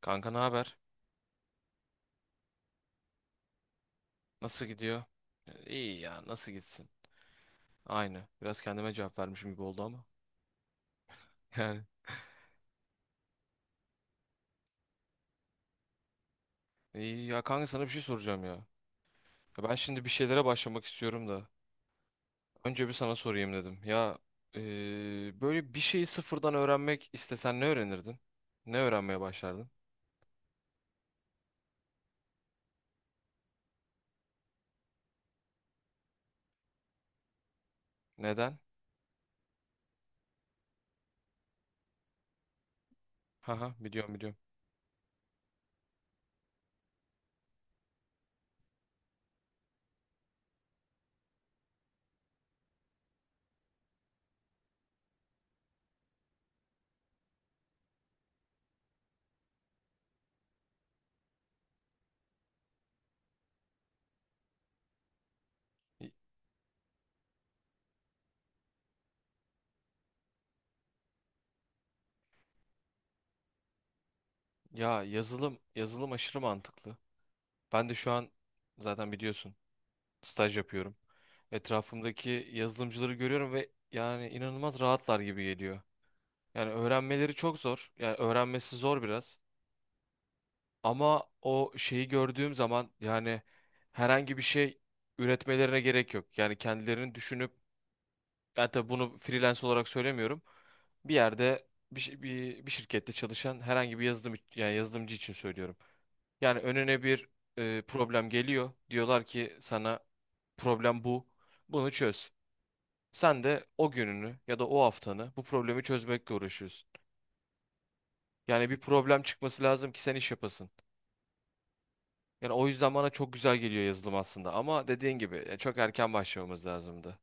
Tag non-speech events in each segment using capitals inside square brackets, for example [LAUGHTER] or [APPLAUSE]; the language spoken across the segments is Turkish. Kanka ne haber? Nasıl gidiyor? İyi ya nasıl gitsin? Aynı. Biraz kendime cevap vermişim gibi oldu ama. [LAUGHS] Yani iyi ya kanka sana bir şey soracağım ya. Ya ben şimdi bir şeylere başlamak istiyorum da. Önce bir sana sorayım dedim. Böyle bir şeyi sıfırdan öğrenmek istesen ne öğrenirdin? Ne öğrenmeye başlardın? Neden? Haha, biliyorum biliyorum. Y- Ya yazılım aşırı mantıklı. Ben de şu an zaten biliyorsun staj yapıyorum. Etrafımdaki yazılımcıları görüyorum ve yani inanılmaz rahatlar gibi geliyor. Yani öğrenmeleri çok zor. Yani öğrenmesi zor biraz. Ama o şeyi gördüğüm zaman yani herhangi bir şey üretmelerine gerek yok. Yani kendilerini düşünüp yani tabii bunu freelance olarak söylemiyorum. Bir yerde bir şirkette çalışan herhangi bir yazılım yani yazılımcı için söylüyorum. Yani önüne bir problem geliyor. Diyorlar ki sana problem bu. Bunu çöz. Sen de o gününü ya da o haftanı bu problemi çözmekle uğraşıyorsun. Yani bir problem çıkması lazım ki sen iş yapasın. Yani o yüzden bana çok güzel geliyor yazılım aslında ama dediğin gibi çok erken başlamamız lazımdı.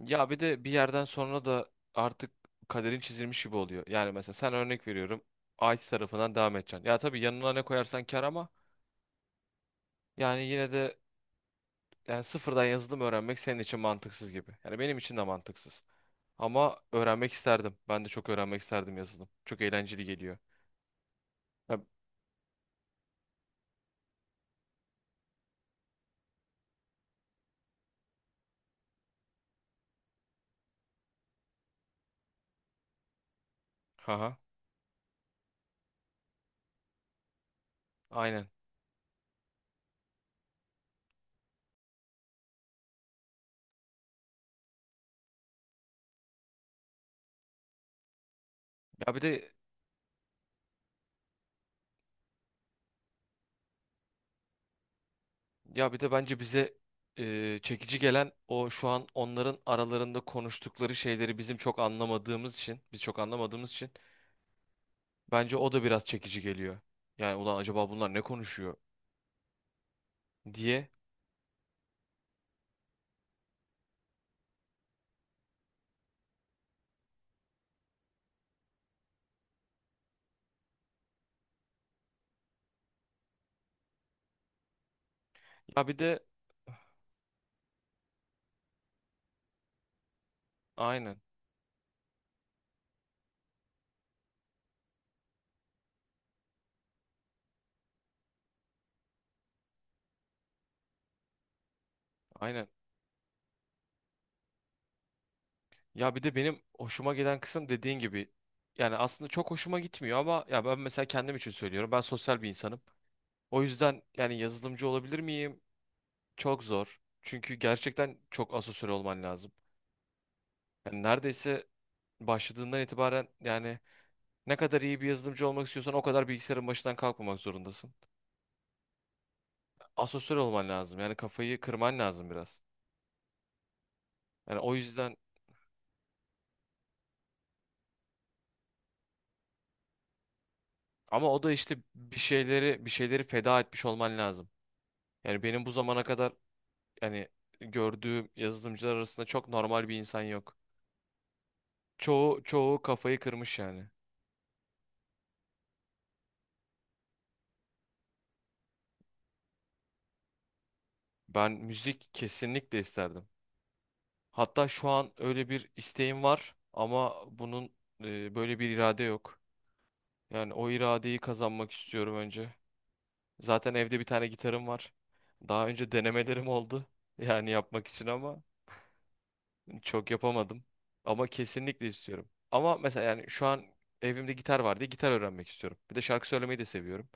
Ya bir de bir yerden sonra da artık kaderin çizilmiş gibi oluyor. Yani mesela sen örnek veriyorum IT tarafından devam edeceksin. Ya tabii yanına ne koyarsan kar ama yani yine de yani sıfırdan yazılım öğrenmek senin için mantıksız gibi. Yani benim için de mantıksız. Ama öğrenmek isterdim. Ben de çok öğrenmek isterdim yazılım. Çok eğlenceli geliyor. Ya, haha, aynen. Ya bir de ya bir de bence bize çekici gelen o şu an onların aralarında konuştukları şeyleri bizim çok anlamadığımız için, biz çok anlamadığımız için bence o da biraz çekici geliyor. Yani ulan acaba bunlar ne konuşuyor diye. Ya bir de aynen, aynen. Ya bir de benim hoşuma gelen kısım dediğin gibi yani aslında çok hoşuma gitmiyor ama ya ben mesela kendim için söylüyorum. Ben sosyal bir insanım. O yüzden yani yazılımcı olabilir miyim? Çok zor. Çünkü gerçekten çok asosyal olman lazım. Yani neredeyse başladığından itibaren yani ne kadar iyi bir yazılımcı olmak istiyorsan o kadar bilgisayarın başından kalkmamak zorundasın. Asosyal olman lazım. Yani kafayı kırman lazım biraz. Yani o yüzden ama o da işte bir şeyleri feda etmiş olman lazım. Yani benim bu zamana kadar yani gördüğüm yazılımcılar arasında çok normal bir insan yok. Çoğu kafayı kırmış yani. Ben müzik kesinlikle isterdim. Hatta şu an öyle bir isteğim var ama bunun böyle bir irade yok. Yani o iradeyi kazanmak istiyorum önce. Zaten evde bir tane gitarım var. Daha önce denemelerim oldu. [LAUGHS] Yani yapmak için ama çok yapamadım. Ama kesinlikle istiyorum. Ama mesela yani şu an evimde gitar var diye gitar öğrenmek istiyorum. Bir de şarkı söylemeyi de seviyorum.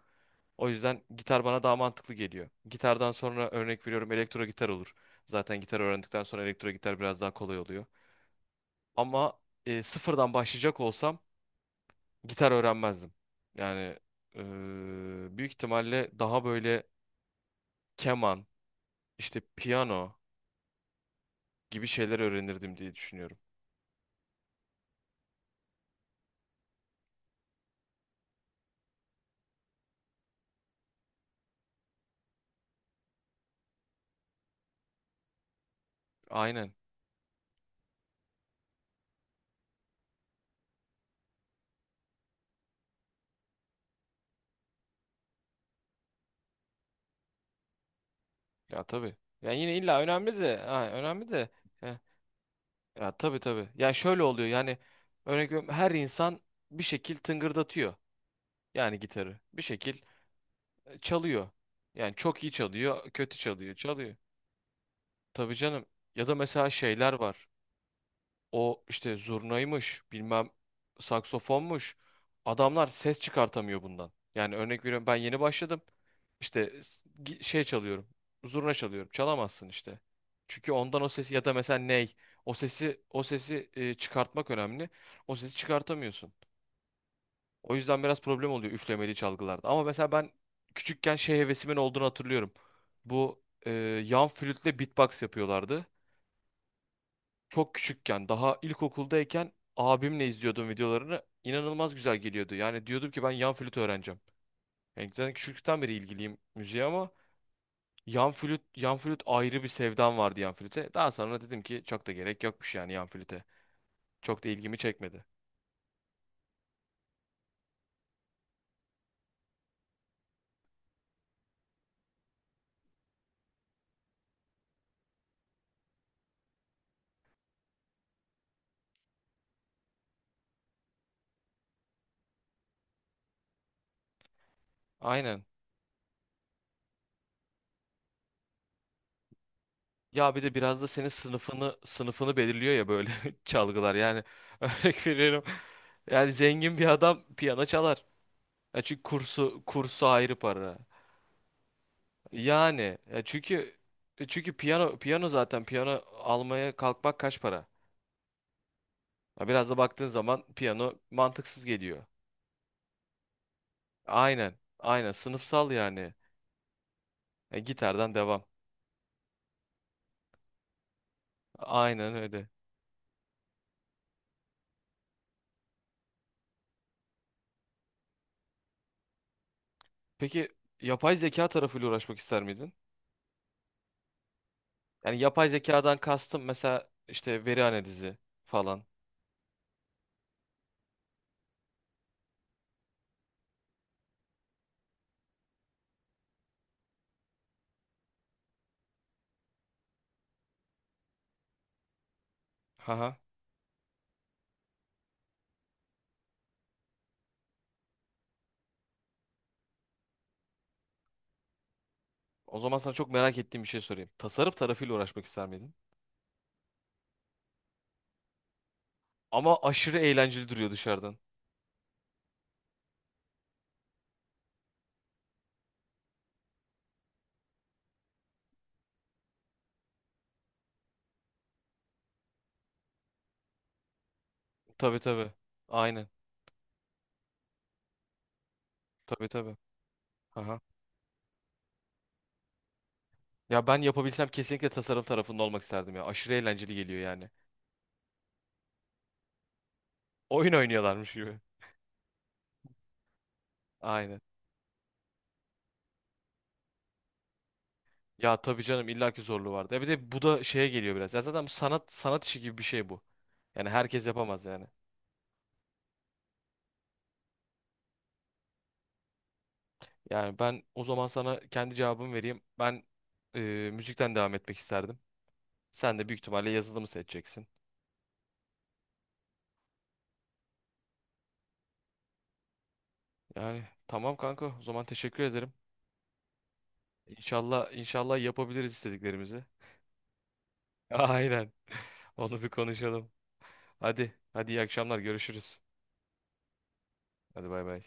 O yüzden gitar bana daha mantıklı geliyor. Gitardan sonra örnek veriyorum elektro gitar olur. Zaten gitar öğrendikten sonra elektro gitar biraz daha kolay oluyor. Ama sıfırdan başlayacak olsam gitar öğrenmezdim. Yani büyük ihtimalle daha böyle keman, işte piyano gibi şeyler öğrenirdim diye düşünüyorum. Aynen. Ya tabii. Yani yine illa önemli de, ha, önemli de. Ya, ya tabii tabii. Ya şöyle oluyor yani örnek veriyorum her insan bir şekil tıngırdatıyor. Yani gitarı bir şekil çalıyor. Yani çok iyi çalıyor, kötü çalıyor, çalıyor. Tabii canım. Ya da mesela şeyler var. O işte zurnaymış, bilmem saksofonmuş. Adamlar ses çıkartamıyor bundan. Yani örnek veriyorum ben yeni başladım. İşte şey çalıyorum. Zurna çalıyorum. Çalamazsın işte. Çünkü ondan o sesi ya da mesela ney. O sesi çıkartmak önemli. O sesi çıkartamıyorsun. O yüzden biraz problem oluyor üflemeli çalgılarda. Ama mesela ben küçükken şey hevesimin olduğunu hatırlıyorum. Bu yan flütle beatbox yapıyorlardı çok küçükken daha ilkokuldayken abimle izliyordum videolarını. İnanılmaz güzel geliyordu. Yani diyordum ki ben yan flüt öğreneceğim. Yani zaten küçüklükten beri ilgiliyim müziğe ama yan flüt ayrı bir sevdam vardı yan flüte. Daha sonra dedim ki çok da gerek yokmuş yani yan flüte. Çok da ilgimi çekmedi. Aynen. Ya bir de biraz da senin sınıfını belirliyor ya böyle [LAUGHS] çalgılar. Yani örnek veriyorum. Yani zengin bir adam piyano çalar. Ya çünkü kursu ayrı para. Yani ya çünkü piyano zaten piyano almaya kalkmak kaç para? Ya biraz da baktığın zaman piyano mantıksız geliyor. Aynen. Aynen sınıfsal yani. Gitardan devam. Aynen öyle. Peki yapay zeka tarafıyla uğraşmak ister miydin? Yani yapay zekadan kastım mesela işte veri analizi falan. Haha. O zaman sana çok merak ettiğim bir şey sorayım. Tasarım tarafıyla uğraşmak ister miydin? Ama aşırı eğlenceli duruyor dışarıdan. Tabii tabii. Aynen. Tabii tabii. Haha. Ya ben yapabilsem kesinlikle tasarım tarafında olmak isterdim ya. Aşırı eğlenceli geliyor yani. Oyun oynuyorlarmış gibi. Aynen. Ya tabii canım illaki zorluğu vardı. Ya bir de bu da şeye geliyor biraz. Ya zaten bu sanat işi gibi bir şey bu. Yani herkes yapamaz yani. Yani ben o zaman sana kendi cevabımı vereyim. Ben e, müzikten devam etmek isterdim. Sen de büyük ihtimalle yazılımı seçeceksin. Yani tamam kanka o zaman teşekkür ederim. İnşallah inşallah yapabiliriz istediklerimizi. [LAUGHS] Aynen. Onu bir konuşalım. Hadi hadi iyi akşamlar görüşürüz. Hadi bay bay.